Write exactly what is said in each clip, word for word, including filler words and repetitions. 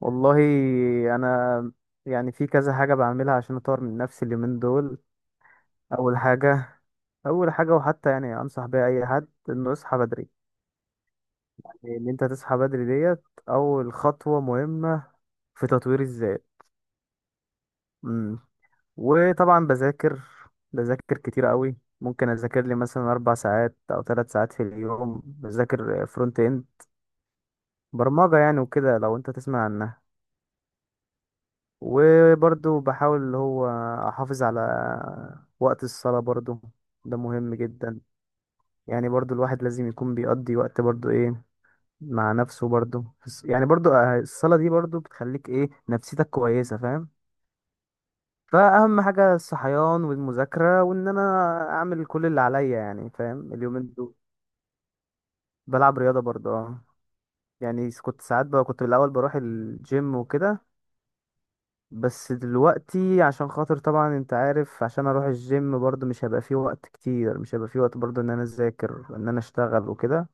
والله، انا يعني في كذا حاجه بعملها عشان اطور من نفسي اليومين دول. اول حاجه اول حاجه، وحتى يعني انصح بيها اي حد انه يصحى بدري. يعني ان انت تصحى بدري ديت اول خطوه مهمه في تطوير الذات. امم وطبعا بذاكر بذاكر كتير قوي. ممكن اذاكر لي مثلا اربع ساعات او ثلاث ساعات في اليوم، بذاكر فرونت اند، برمجه يعني وكده لو انت تسمع عنها. وبرضو بحاول اللي هو احافظ على وقت الصلاة برضو، ده مهم جدا. يعني برضو الواحد لازم يكون بيقضي وقت برضو ايه مع نفسه، برضو في الص- يعني برضو آه، الصلاة دي برضو بتخليك ايه نفسيتك كويسة، فاهم. فأهم حاجة الصحيان والمذاكرة وإن أنا أعمل كل اللي عليا، يعني فاهم، اليومين دول. بلعب رياضة برضو، اه. يعني كنت ساعات بقى، كنت الأول بروح الجيم وكده. بس دلوقتي عشان خاطر طبعا انت عارف، عشان اروح الجيم برضه مش هيبقى فيه وقت كتير، مش هيبقى فيه وقت برضه ان انا اذاكر ان انا اشتغل وكده.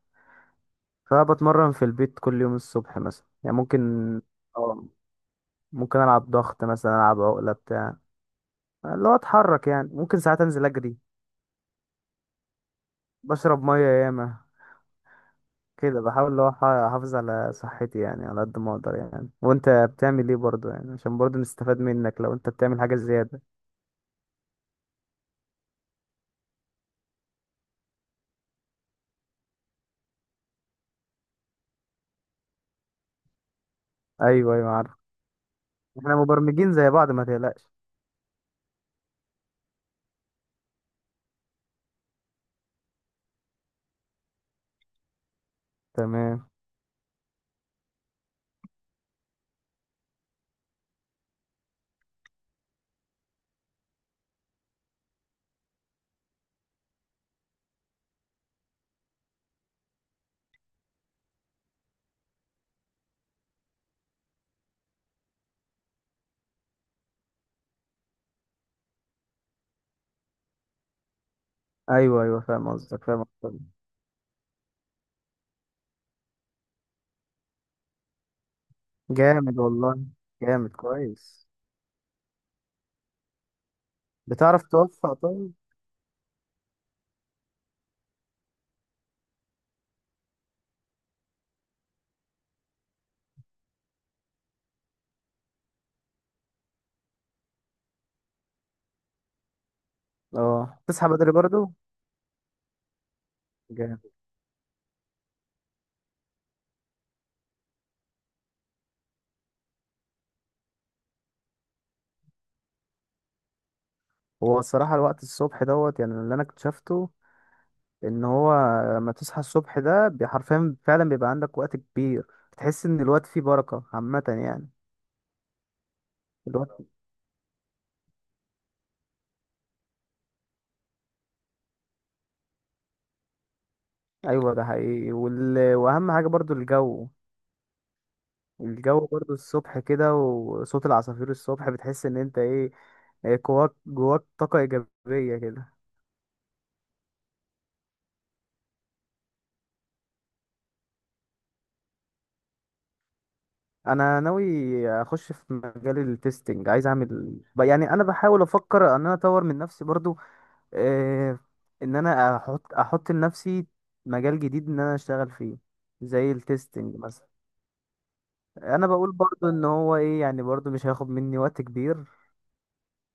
فبتمرن في البيت كل يوم الصبح مثلا، يعني ممكن اه ممكن العب ضغط مثلا، العب عقلة بتاع، اللي هو اتحرك، يعني ممكن ساعات انزل اجري. بشرب مية ياما كده، بحاول اللي هو أح- احافظ على صحتي يعني على قد ما اقدر. يعني وانت بتعمل ايه برضه؟ يعني عشان برضه نستفاد منك لو انت بتعمل حاجة زيادة. ايوه، ايوه، عارف. احنا مبرمجين زي بعض، ما تقلقش. تمام. ايوه، ايوه، فاهم قصدك، فاهم قصدك. جامد والله. جامد كويس. بتعرف توفق طيب؟ اه، تصحى بدري برضو. جامد. هو الصراحه الوقت الصبح دوت، يعني اللي انا اكتشفته ان هو لما تصحى الصبح ده، بي- حرفيا فعلا بيبقى عندك وقت كبير. بتحس ان الوقت فيه بركه عامه يعني. الوقت. ايوه، ده حقيقي. وال... واهم حاجه برضو الجو. الجو برضو الصبح كده، وصوت العصافير الصبح بتحس ان انت ايه، إيه، جواك جواك طاقه ايجابيه كده. انا ناوي اخش في مجال التستنج، عايز اعمل ب- يعني انا بحاول افكر ان انا اطور من نفسي برضو. آه، ان انا احط احط لنفسي مجال جديد ان انا اشتغل فيه، زي التستنج مثلا. انا بقول برضو ان هو ايه، يعني برضو مش هياخد مني وقت كبير،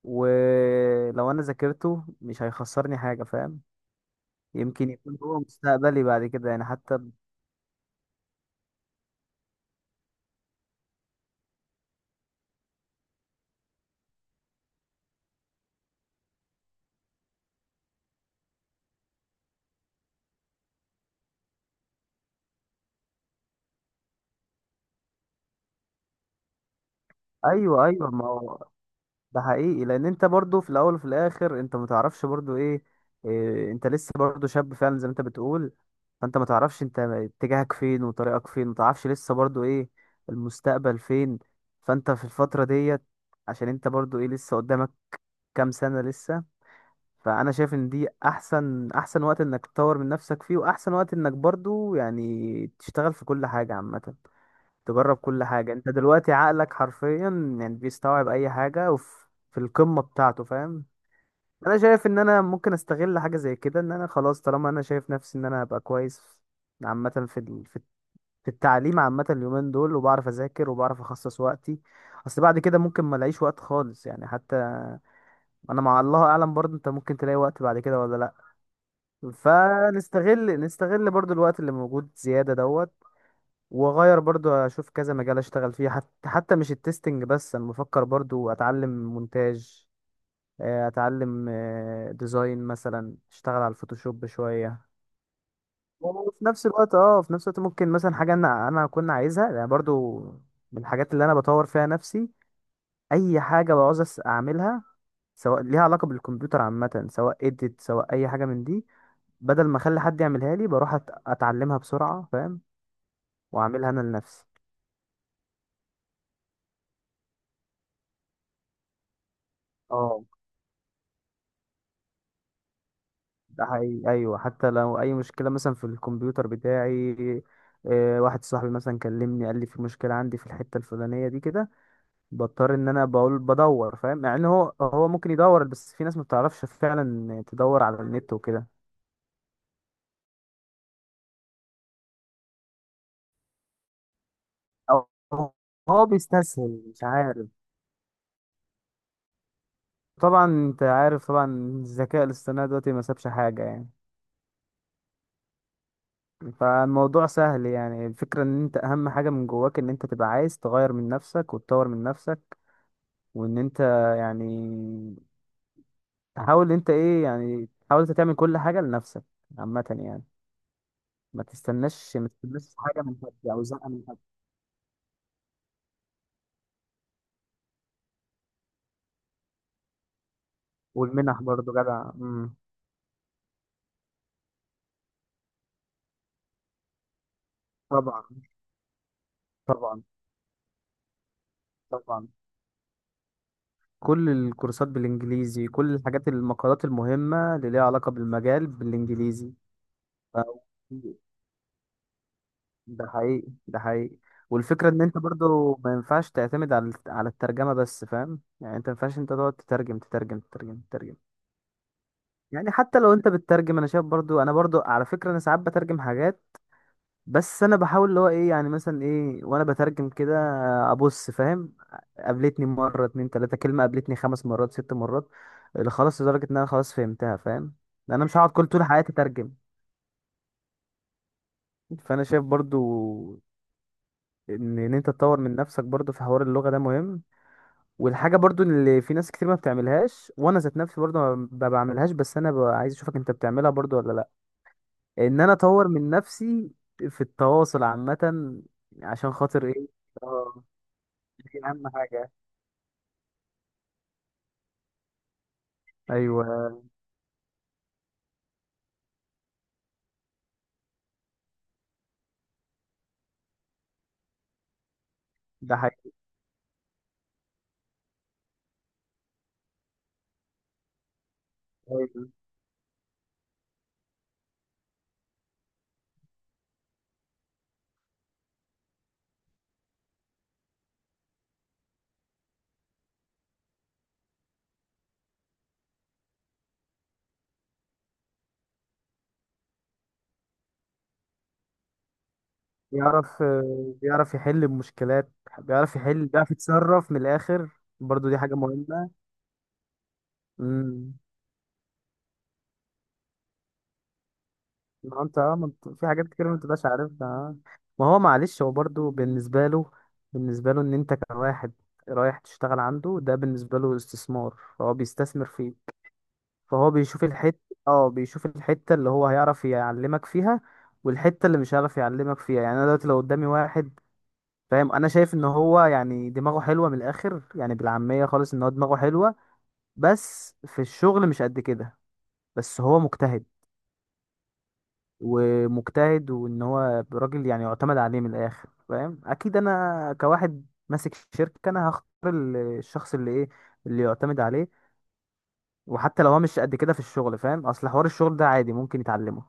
ولو انا ذاكرته مش هيخسرني حاجة، فاهم. يمكن يكون هو مستقبلي بعد كده يعني حتى. ايوه، ايوه، ما هو ده حقيقي. لان انت برضو في الاول وفي الاخر انت ما تعرفش برضو ايه, إيه انت لسه برضو شاب فعلا زي ما انت بتقول. فانت ما تعرفش انت اتجاهك فين وطريقك فين، ما تعرفش لسه برضو ايه المستقبل فين. فانت في الفترة ديت، عشان انت برضو ايه لسه قدامك كام سنة لسه. فانا شايف ان دي احسن احسن وقت انك تطور من نفسك فيه، واحسن وقت انك برضو يعني تشتغل في كل حاجة عامة، تجرب كل حاجة. انت دلوقتي عقلك حرفيا يعني بيستوعب اي حاجة، وفي في القمة بتاعته، فاهم. انا شايف ان انا ممكن استغل حاجة زي كده، ان انا خلاص طالما انا شايف نفسي ان انا هبقى كويس عامة في ال- في في التعليم عامة اليومين دول، وبعرف اذاكر وبعرف اخصص وقتي. اصل بعد كده ممكن ما الاقيش وقت خالص يعني حتى. انا مع الله اعلم برضه، انت ممكن تلاقي وقت بعد كده ولا لا. فنستغل نستغل برضه الوقت اللي موجود زيادة دوت. واغير برضو، اشوف كذا مجال اشتغل فيه، حتى حتى مش التستنج بس. انا بفكر برضو اتعلم مونتاج، آه، اتعلم آه، ديزاين مثلا، اشتغل على الفوتوشوب شوية. وفي نفس الوقت اه في نفس الوقت ممكن مثلا حاجة انا انا كنت عايزها، يعني برضو من الحاجات اللي انا بطور فيها نفسي. اي حاجة بعوز أس- اعملها، سواء ليها علاقة بالكمبيوتر عامة، سواء اديت، سواء اي حاجة من دي، بدل ما اخلي حد يعملها لي بروح أت- اتعلمها بسرعة، فاهم، واعملها انا لنفسي. اه، ده حقيقي، ايوه. حتى لو اي مشكله مثلا في الكمبيوتر بتاعي، آه، واحد صاحبي مثلا كلمني قال لي في مشكله عندي في الحته الفلانيه دي كده، بضطر ان انا بقول بدور، فاهم، مع ان هو هو ممكن يدور، بس في ناس ما بتعرفش فعلا تدور على النت وكده، او هو بيستسهل مش عارف. طبعا انت عارف طبعا، الذكاء الاصطناعي دلوقتي ما سابش حاجه يعني. فالموضوع سهل. يعني الفكره ان انت اهم حاجه من جواك ان انت تبقى عايز تغير من نفسك وتطور من نفسك، وان انت يعني تحاول انت ايه، يعني تحاول انت تعمل كل حاجه لنفسك عامه يعني. ما تستناش ما تستناش حاجه من حد او زقه من حد. والمنح برضو جدع. امم طبعا، طبعا، طبعا. كل الكورسات بالانجليزي، كل الحاجات، المقالات المهمه اللي ليها علاقه بالمجال بالانجليزي. ف- ده حقيقي، ده حقيقي. والفكره ان انت برضو ما ينفعش تعتمد على على الترجمه بس، فاهم. يعني انت ما ينفعش انت تقعد تترجم تترجم تترجم تترجم. يعني حتى لو انت بتترجم، انا شايف برضو، انا برضو على فكرة، انا ساعات بترجم حاجات، بس انا بحاول اللي هو ايه، يعني مثلا ايه وانا بترجم كده ابص، فاهم. قابلتني مرة اتنين تلاتة كلمة، قابلتني خمس مرات ست مرات اللي خلاص، لدرجة ان انا خلاص فهمتها، فاهم. لأن انا مش هقعد كل طول حياتي اترجم. فانا شايف برضو ان ان انت تطور من نفسك برضو في حوار اللغة ده، مهم. والحاجة برضو اللي في ناس كتير ما بتعملهاش، وانا ذات نفسي برضو ما ب- بعملهاش، بس انا ب- عايز اشوفك انت بتعملها برضو ولا لا، ان انا اطور من نفسي في التواصل عامة عشان خاطر ايه. اه، دي اهم حاجة. ايوه، ده حقيقي. بيعرف بيعرف يحل المشكلات، بيعرف يحل بيعرف يتصرف من الاخر. برضو دي حاجة مهمة. امم ما انت اه ما انت- في حاجات كتير ما انتبقاش عارفها، اه. ما هو معلش، هو برضو بالنسبة له، بالنسبة له ان انت كواحد رايح تشتغل عنده، ده بالنسبة له استثمار، فهو بيستثمر فيك، فهو بيشوف الحتة. اه بيشوف الحتة اللي هو هيعرف يعلمك فيها، والحتة اللي مش هيعرف يعلمك فيها. يعني انا دلوقتي لو قدامي واحد، فاهم، انا شايف ان هو يعني دماغه حلوة من الاخر، يعني بالعامية خالص ان هو دماغه حلوة، بس في الشغل مش قد كده، بس هو مجتهد ومجتهد، وان هو راجل يعني يعتمد عليه من الاخر، فاهم. اكيد انا كواحد ماسك شركة انا هختار ال- الشخص اللي ايه، اللي يعتمد عليه، وحتى لو هو مش قد كده في الشغل، فاهم، اصل حوار الشغل ده عادي ممكن يتعلمه.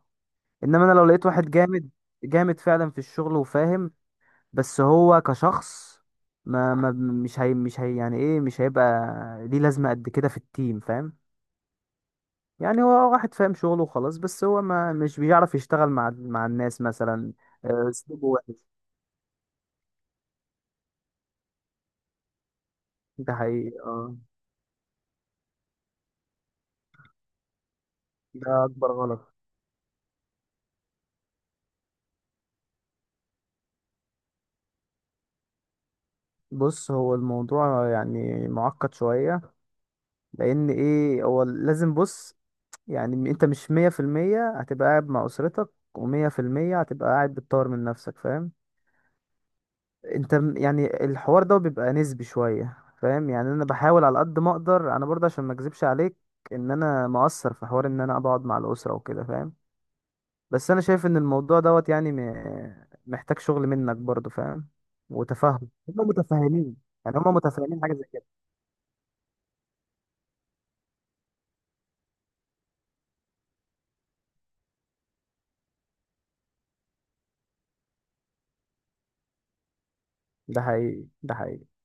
انما انا لو لقيت واحد جامد جامد فعلا في الشغل وفاهم، بس هو كشخص ما, ما مش هي مش هي يعني ايه، مش هيبقى ليه لازمة قد كده في التيم، فاهم. يعني هو واحد فاهم شغله وخلاص، بس هو ما مش بيعرف يشتغل مع مع الناس مثلا، آه، اسلوبه وحش، ده حقيقي. اه ده اكبر غلط. بص هو الموضوع يعني معقد شوية، لان ايه هو لازم بص، يعني م- انت مش مية في المية هتبقى قاعد مع اسرتك، ومية في المية هتبقى قاعد بتطور من نفسك، فاهم. انت م- يعني الحوار ده بيبقى نسبي شوية، فاهم. يعني انا بحاول على قد ما اقدر، انا برضه عشان ما اكذبش عليك، ان انا مقصر في حوار ان انا بقعد مع الاسرة وكده، فاهم. بس انا شايف ان الموضوع دوت يعني م- محتاج شغل منك برضه، فاهم. وتفهم، هم متفاهمين، يعني هم متفاهمين حاجة زي كده. ده حقيقي، ده حقيقي.